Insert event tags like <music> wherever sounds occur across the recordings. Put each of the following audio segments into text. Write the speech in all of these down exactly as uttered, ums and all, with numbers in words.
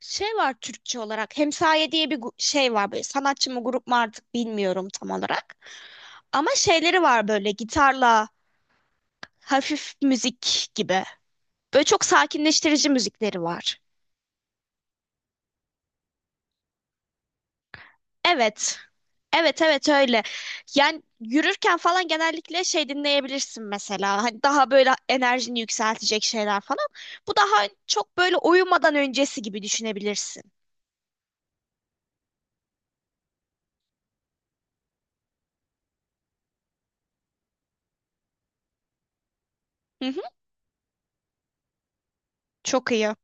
Şey var Türkçe olarak. Hemsaye diye bir gu- şey var böyle, sanatçı mı grup mu artık bilmiyorum tam olarak. Ama şeyleri var, böyle gitarla hafif müzik gibi. Böyle çok sakinleştirici müzikleri var. Evet. Evet evet öyle. Yani yürürken falan genellikle şey dinleyebilirsin mesela. Hani daha böyle enerjini yükseltecek şeyler falan. Bu daha çok böyle uyumadan öncesi gibi düşünebilirsin. Hı hı. Çok iyi.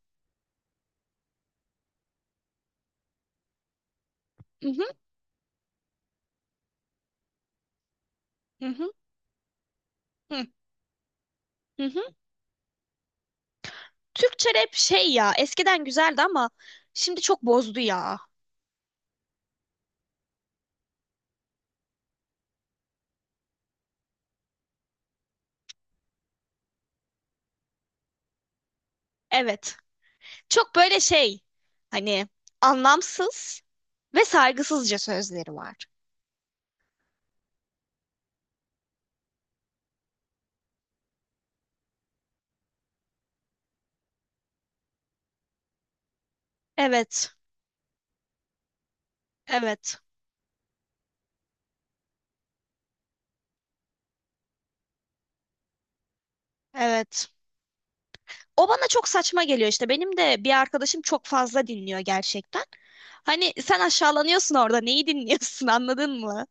Hı hı. Hı hı. Hı hı. Türkçe rap şey ya, eskiden güzeldi ama şimdi çok bozdu ya. Evet. Çok böyle şey, hani, anlamsız ve saygısızca sözleri var. Evet. Evet. Evet. O bana çok saçma geliyor işte. Benim de bir arkadaşım çok fazla dinliyor gerçekten. Hani sen aşağılanıyorsun orada. Neyi dinliyorsun <laughs> anladın mı?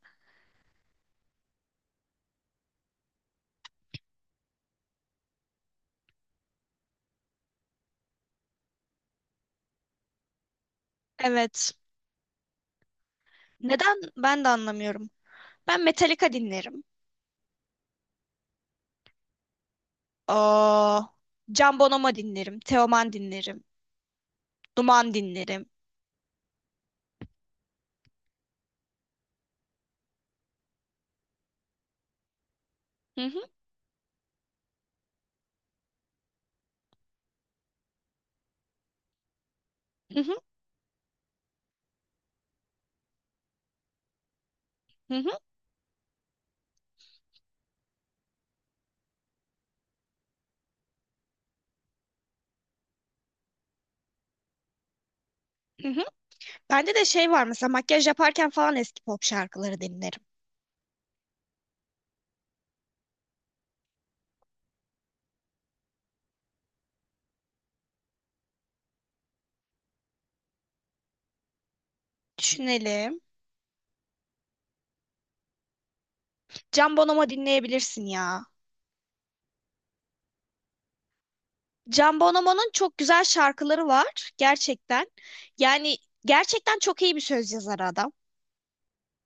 Evet. Neden? Ben de anlamıyorum. Ben Metallica dinlerim. Aa, Can Bonomo dinlerim, Teoman dinlerim, Duman dinlerim. Hı hı, hı hı, hı hı, hı hı. Bende de şey var, mesela makyaj yaparken falan eski pop şarkıları dinlerim. Düşünelim. Can Bonomo dinleyebilirsin ya. Can Bonomo'nun çok güzel şarkıları var gerçekten. Yani gerçekten çok iyi bir söz yazarı adam.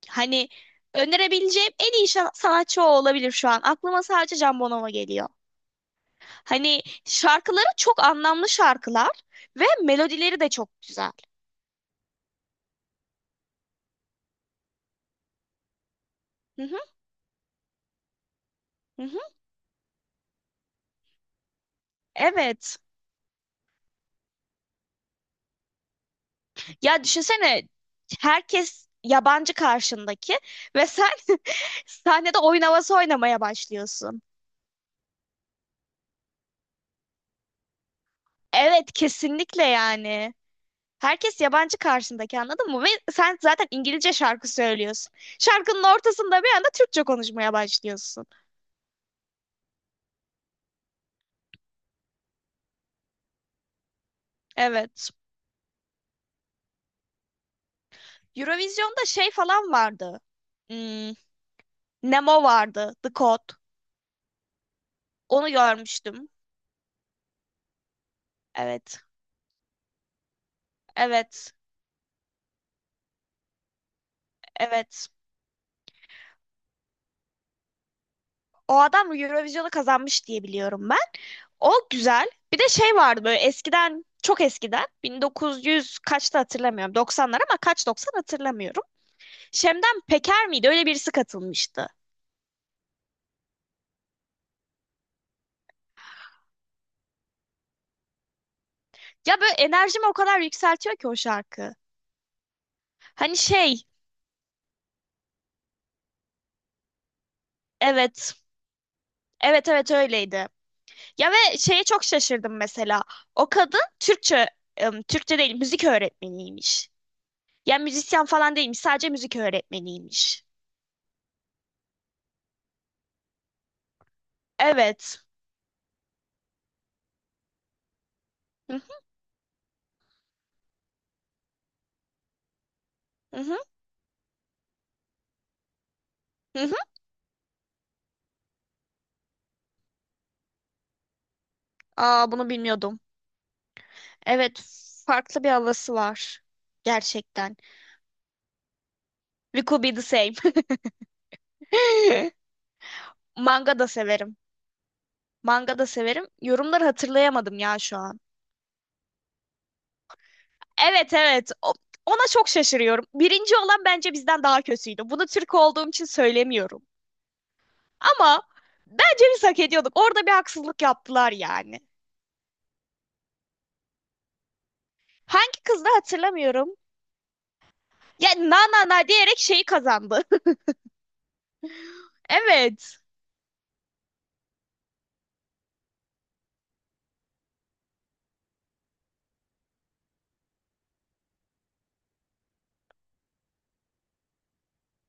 Hani önerebileceğim en iyi şa- sanatçı o olabilir şu an. Aklıma sadece Can Bonomo geliyor. Hani şarkıları çok anlamlı şarkılar ve melodileri de çok güzel. Hı hı, hı hı. Evet. Ya düşünsene, herkes yabancı karşındaki ve sen <laughs> sahnede oyun havası oynamaya başlıyorsun. Evet, kesinlikle yani. Herkes yabancı karşındaki, anladın mı? Ve sen zaten İngilizce şarkı söylüyorsun. Şarkının ortasında bir anda Türkçe konuşmaya başlıyorsun. Evet. Eurovision'da şey falan vardı. Hmm, Nemo vardı. The Code. Onu görmüştüm. Evet. Evet. Evet. O adam Eurovision'u kazanmış diye biliyorum ben. O güzel. Bir de şey vardı böyle, eskiden, çok eskiden, bin dokuz yüz kaçta hatırlamıyorum. doksanlar ama kaç doksan hatırlamıyorum. Şemden Peker miydi? Öyle birisi katılmıştı. Ya böyle enerjimi o kadar yükseltiyor ki o şarkı. Hani şey, evet. Evet evet, öyleydi. Ya ve şeye çok şaşırdım mesela. O kadın Türkçe, ım, Türkçe değil, müzik öğretmeniymiş. Ya müzisyen falan değilmiş, sadece müzik öğretmeniymiş. Evet. Hı hı, hı hı. Hı. Aa, bunu bilmiyordum. Evet, farklı bir havası var. Gerçekten. We could be the same. <laughs> Manga da severim. Manga da severim. Yorumları hatırlayamadım ya şu an. Evet evet. O- ona çok şaşırıyorum. Birinci olan bence bizden daha kötüydü. Bunu Türk olduğum için söylemiyorum. Ama bence biz hak ediyorduk. Orada bir haksızlık yaptılar yani. Hangi kızdı hatırlamıyorum. Yani na na na diyerek şeyi kazandı. <laughs> Evet.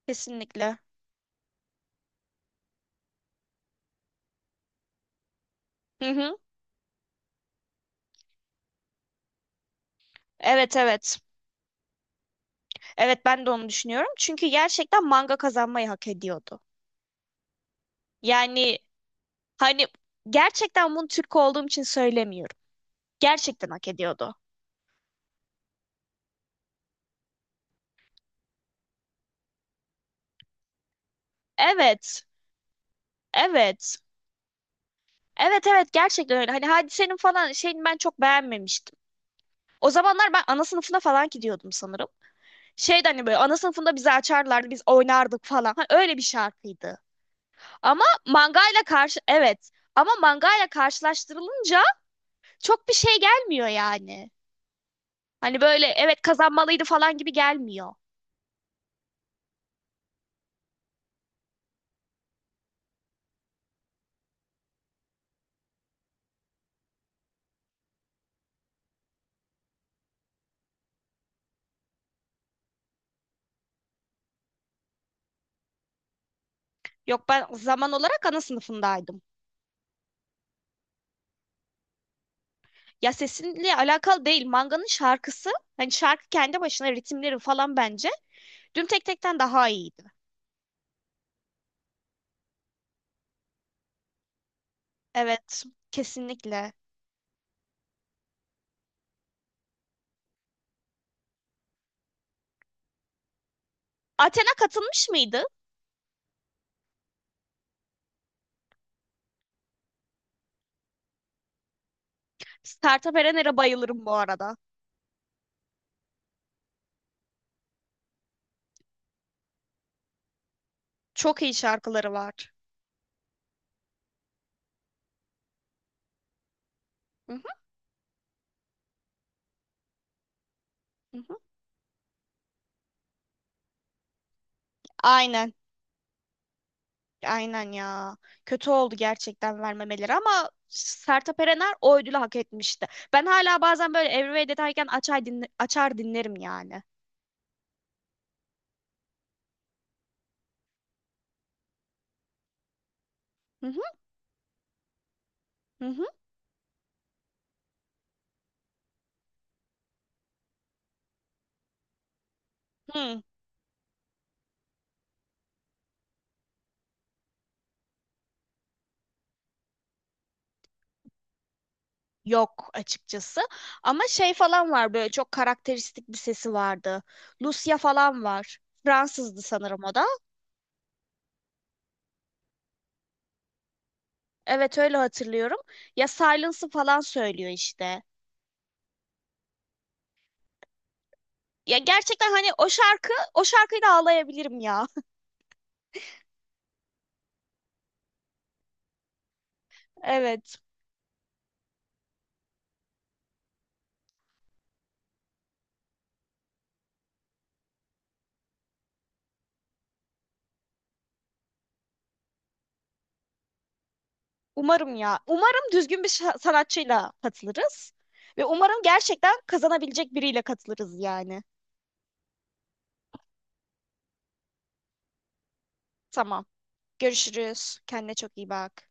Kesinlikle. Hı hı. Evet evet. Evet, ben de onu düşünüyorum. Çünkü gerçekten Manga kazanmayı hak ediyordu. Yani hani, gerçekten bunu Türk olduğum için söylemiyorum. Gerçekten hak ediyordu. Evet. Evet. Evet evet, gerçekten öyle. Hani Hadise'nin falan şeyini ben çok beğenmemiştim. O zamanlar ben ana sınıfına falan gidiyordum sanırım. Şeydi hani, böyle ana sınıfında bizi açarlardı, biz oynardık falan. Hani öyle bir şarkıydı. Ama mangayla karşı, evet. Ama mangayla karşılaştırılınca çok bir şey gelmiyor yani. Hani böyle, evet kazanmalıydı falan gibi gelmiyor. Yok, ben zaman olarak ana sınıfındaydım. Ya sesinle alakalı değil. Manganın şarkısı, hani şarkı kendi başına, ritimleri falan bence Düm Tek Tek'ten daha iyiydi. Evet, kesinlikle. Athena katılmış mıydı? Sertab Erener'e bayılırım bu arada. Çok iyi şarkıları var. Hı hı, hı hı. Aynen. Aynen ya. Kötü oldu gerçekten vermemeleri, ama Sertab Erener o ödülü hak etmişti. Ben hala bazen böyle Everyway deterken açar, dinle- açar dinlerim yani. Hı hı, hı hı. Hı. Yok açıkçası. Ama şey falan var, böyle çok karakteristik bir sesi vardı. Lucia falan var. Fransızdı sanırım o da. Evet, öyle hatırlıyorum. Ya Silence'ı falan söylüyor işte. Ya gerçekten hani o şarkı, o şarkıyla ağlayabilirim ya. <laughs> Evet. Umarım ya. Umarım düzgün bir şa- sanatçıyla katılırız. Ve umarım gerçekten kazanabilecek biriyle katılırız yani. Tamam. Görüşürüz. Kendine çok iyi bak.